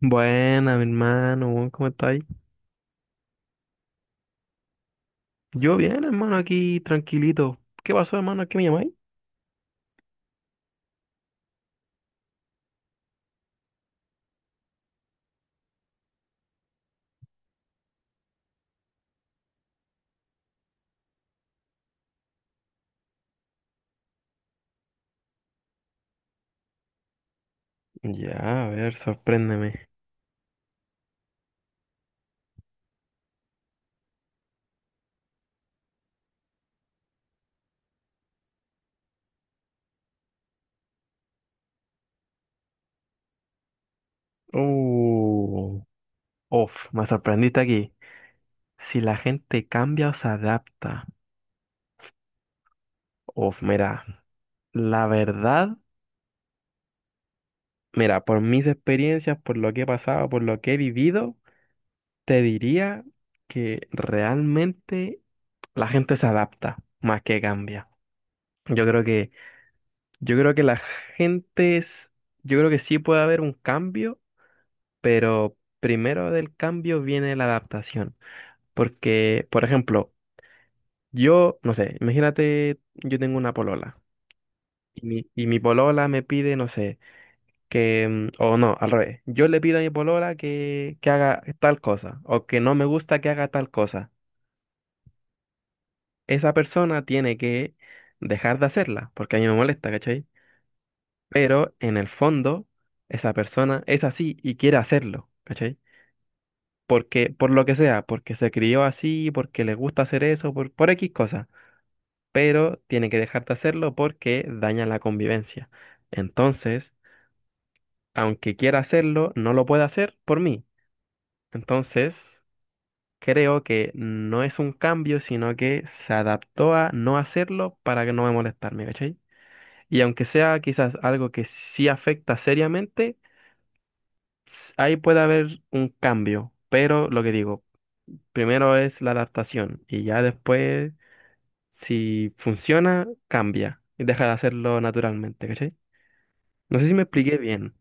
Buena, mi hermano, buen, ¿cómo estáis? Yo bien, hermano, aquí tranquilito. ¿Qué pasó, hermano? ¿A ¿Qué me llamáis? Ya, a ver, sorpréndeme. Uh, Me sorprendiste aquí. ¿Si la gente cambia o se adapta? Uf, mira, la verdad, mira, por mis experiencias, por lo que he pasado, por lo que he vivido, te diría que realmente la gente se adapta más que cambia. Yo creo que Yo creo que la gente es, yo creo que sí puede haber un cambio, pero primero del cambio viene la adaptación. Porque, por ejemplo, yo, no sé, imagínate, yo tengo una polola y mi polola me pide, no sé, que, o no, al revés, yo le pido a mi polola que haga tal cosa o que no me gusta que haga tal cosa. Esa persona tiene que dejar de hacerla porque a mí me molesta, ¿cachai? Pero en el fondo esa persona es así y quiere hacerlo, ¿cachai? Porque, por lo que sea, porque se crió así, porque le gusta hacer eso, por X cosa, pero tiene que dejar de hacerlo porque daña la convivencia. Entonces, aunque quiera hacerlo, no lo puede hacer por mí. Entonces, creo que no es un cambio, sino que se adaptó a no hacerlo para que no me molestarme, ¿cachai? Y aunque sea quizás algo que sí afecta seriamente, ahí puede haber un cambio, pero lo que digo, primero es la adaptación y ya después, si funciona, cambia y deja de hacerlo naturalmente, ¿cachai? No sé si me expliqué bien.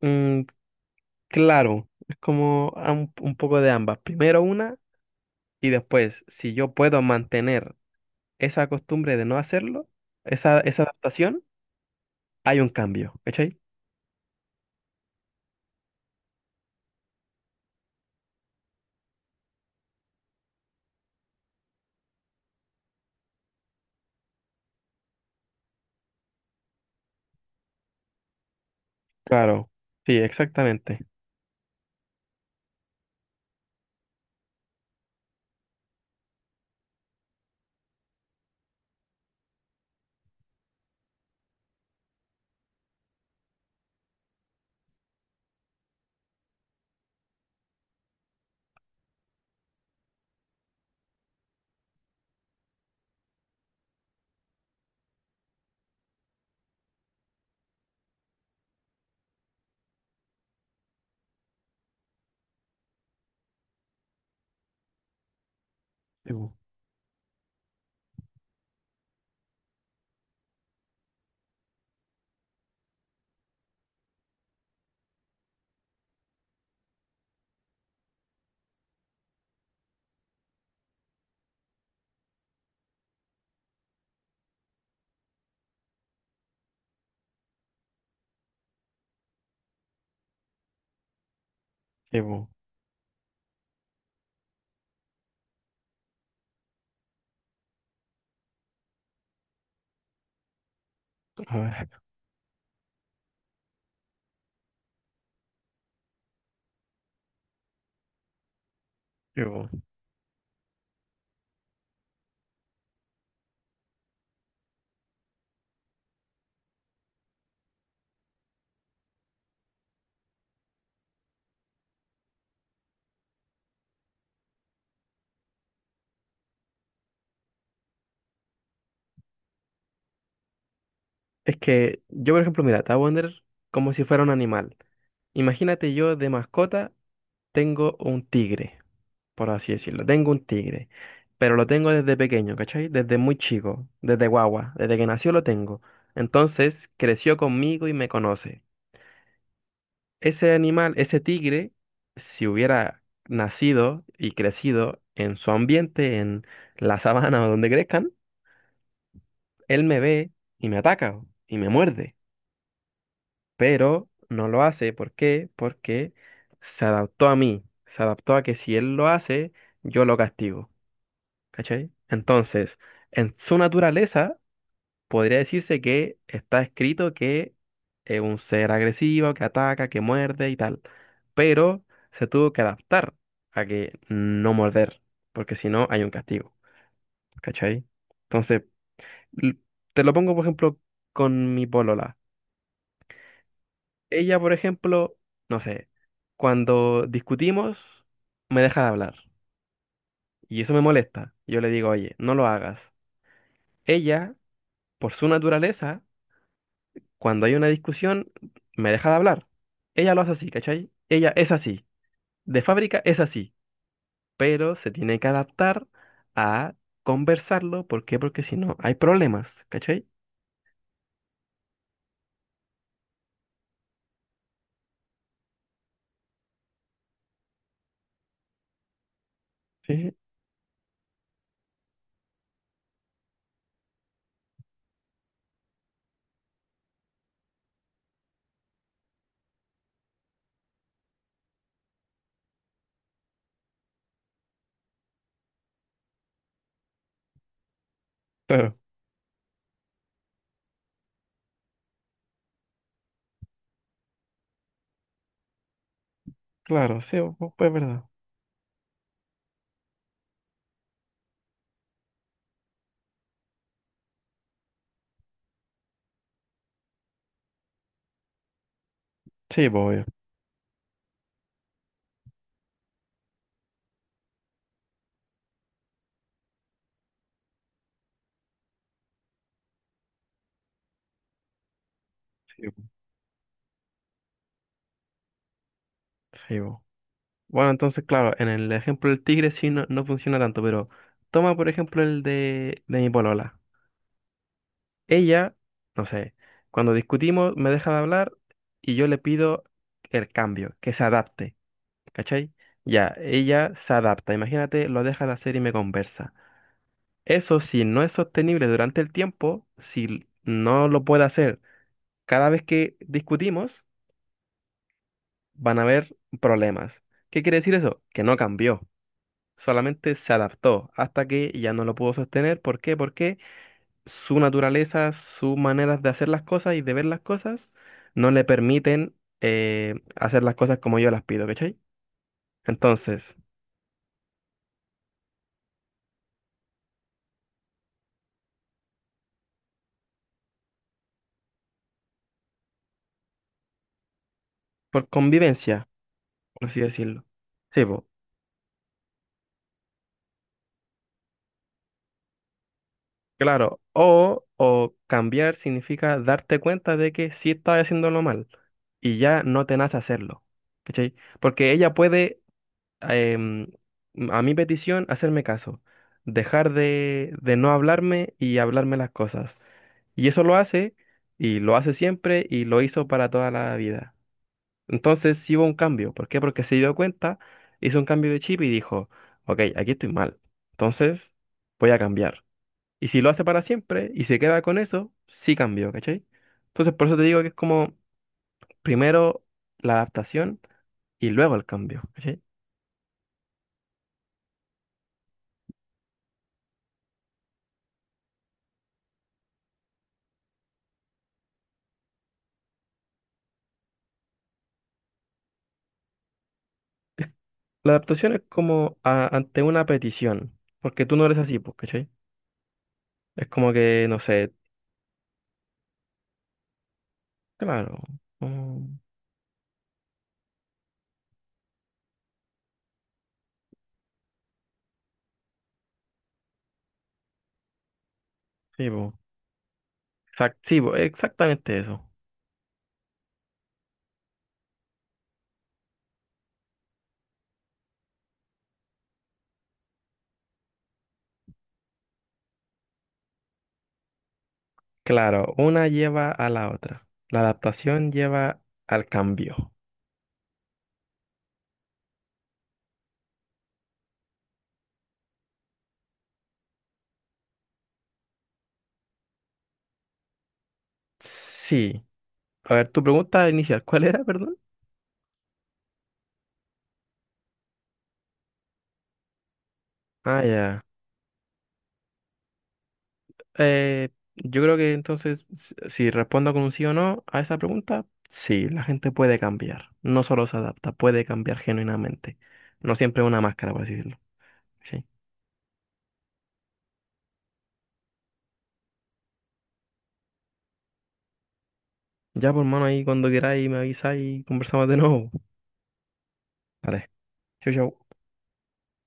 Mm, claro, es como un poco de ambas. Primero una y después, si yo puedo mantener esa costumbre de no hacerlo, esa adaptación, hay un cambio, ¿cachai? Claro, sí, exactamente. Sí, bu, sí, bu. A ver, sí, bu. Es que yo, por ejemplo, mira, te voy a poner como si fuera un animal. Imagínate yo de mascota tengo un tigre, por así decirlo. Tengo un tigre, pero lo tengo desde pequeño, ¿cachai? Desde muy chico, desde guagua, desde que nació lo tengo. Entonces creció conmigo y me conoce. Ese animal, ese tigre, si hubiera nacido y crecido en su ambiente, en la sabana o donde crezcan, él me ve y me ataca y me muerde. Pero no lo hace. ¿Por qué? Porque se adaptó a mí, se adaptó a que si él lo hace, yo lo castigo, ¿cachai? Entonces, en su naturaleza, podría decirse que está escrito que es un ser agresivo, que ataca, que muerde y tal, pero se tuvo que adaptar a que no morder, porque si no hay un castigo, ¿cachai? Entonces, l- te lo pongo, por ejemplo, con mi polola. Ella, por ejemplo, no sé, cuando discutimos, me deja de hablar. Y eso me molesta. Yo le digo, oye, no lo hagas. Ella, por su naturaleza, cuando hay una discusión, me deja de hablar. Ella lo hace así, ¿cachai? Ella es así. De fábrica es así. Pero se tiene que adaptar a conversarlo. ¿Por qué? Porque si no, hay problemas, ¿cachai? Sí, sí, claro, claro, sí, pues es verdad. Sí, pues, obvio. Sí, pues. Sí, pues. Bueno, entonces, claro, en el ejemplo del tigre sí no, no funciona tanto, pero toma por ejemplo el de mi polola. Ella, no sé, cuando discutimos me deja de hablar y yo le pido el cambio, que se adapte, ¿cachai? Ya, ella se adapta, imagínate, lo deja de hacer y me conversa. Eso si no es sostenible durante el tiempo, si no lo puede hacer cada vez que discutimos, van a haber problemas. ¿Qué quiere decir eso? Que no cambió. Solamente se adaptó hasta que ya no lo pudo sostener. ¿Por qué? Porque su naturaleza, sus maneras de hacer las cosas y de ver las cosas no le permiten hacer las cosas como yo las pido, ¿cachai? Entonces, por convivencia, por así decirlo. Sí, po, claro. O cambiar significa darte cuenta de que sí estás haciéndolo mal y ya no te nace hacerlo, ¿cachai? Porque ella puede em, a mi petición, hacerme caso, dejar de no hablarme y hablarme las cosas. Y eso lo hace, y lo hace siempre, y lo hizo para toda la vida. Entonces sí hubo un cambio. ¿Por qué? Porque se dio cuenta, hizo un cambio de chip y dijo, ok, aquí estoy mal. Entonces voy a cambiar. Y si lo hace para siempre y se queda con eso, sí cambió, ¿cachai? Entonces por eso te digo que es como primero la adaptación y luego el cambio, ¿cachai? La adaptación es como ante una petición, porque tú no eres así, pues, ¿cachai? Es como que, no sé, claro, mm, sí, pues, sí, po, exactamente eso. Claro, una lleva a la otra. La adaptación lleva al cambio. Sí. A ver, tu pregunta inicial, ¿cuál era, perdón? Ah, ya. Eh, yo creo que entonces, si respondo con un sí o no a esa pregunta, sí, la gente puede cambiar. No solo se adapta, puede cambiar genuinamente. No siempre es una máscara, por así decirlo. Sí. Ya, por mano, ahí cuando queráis me avisáis y conversamos de nuevo. Vale. Chau, chau.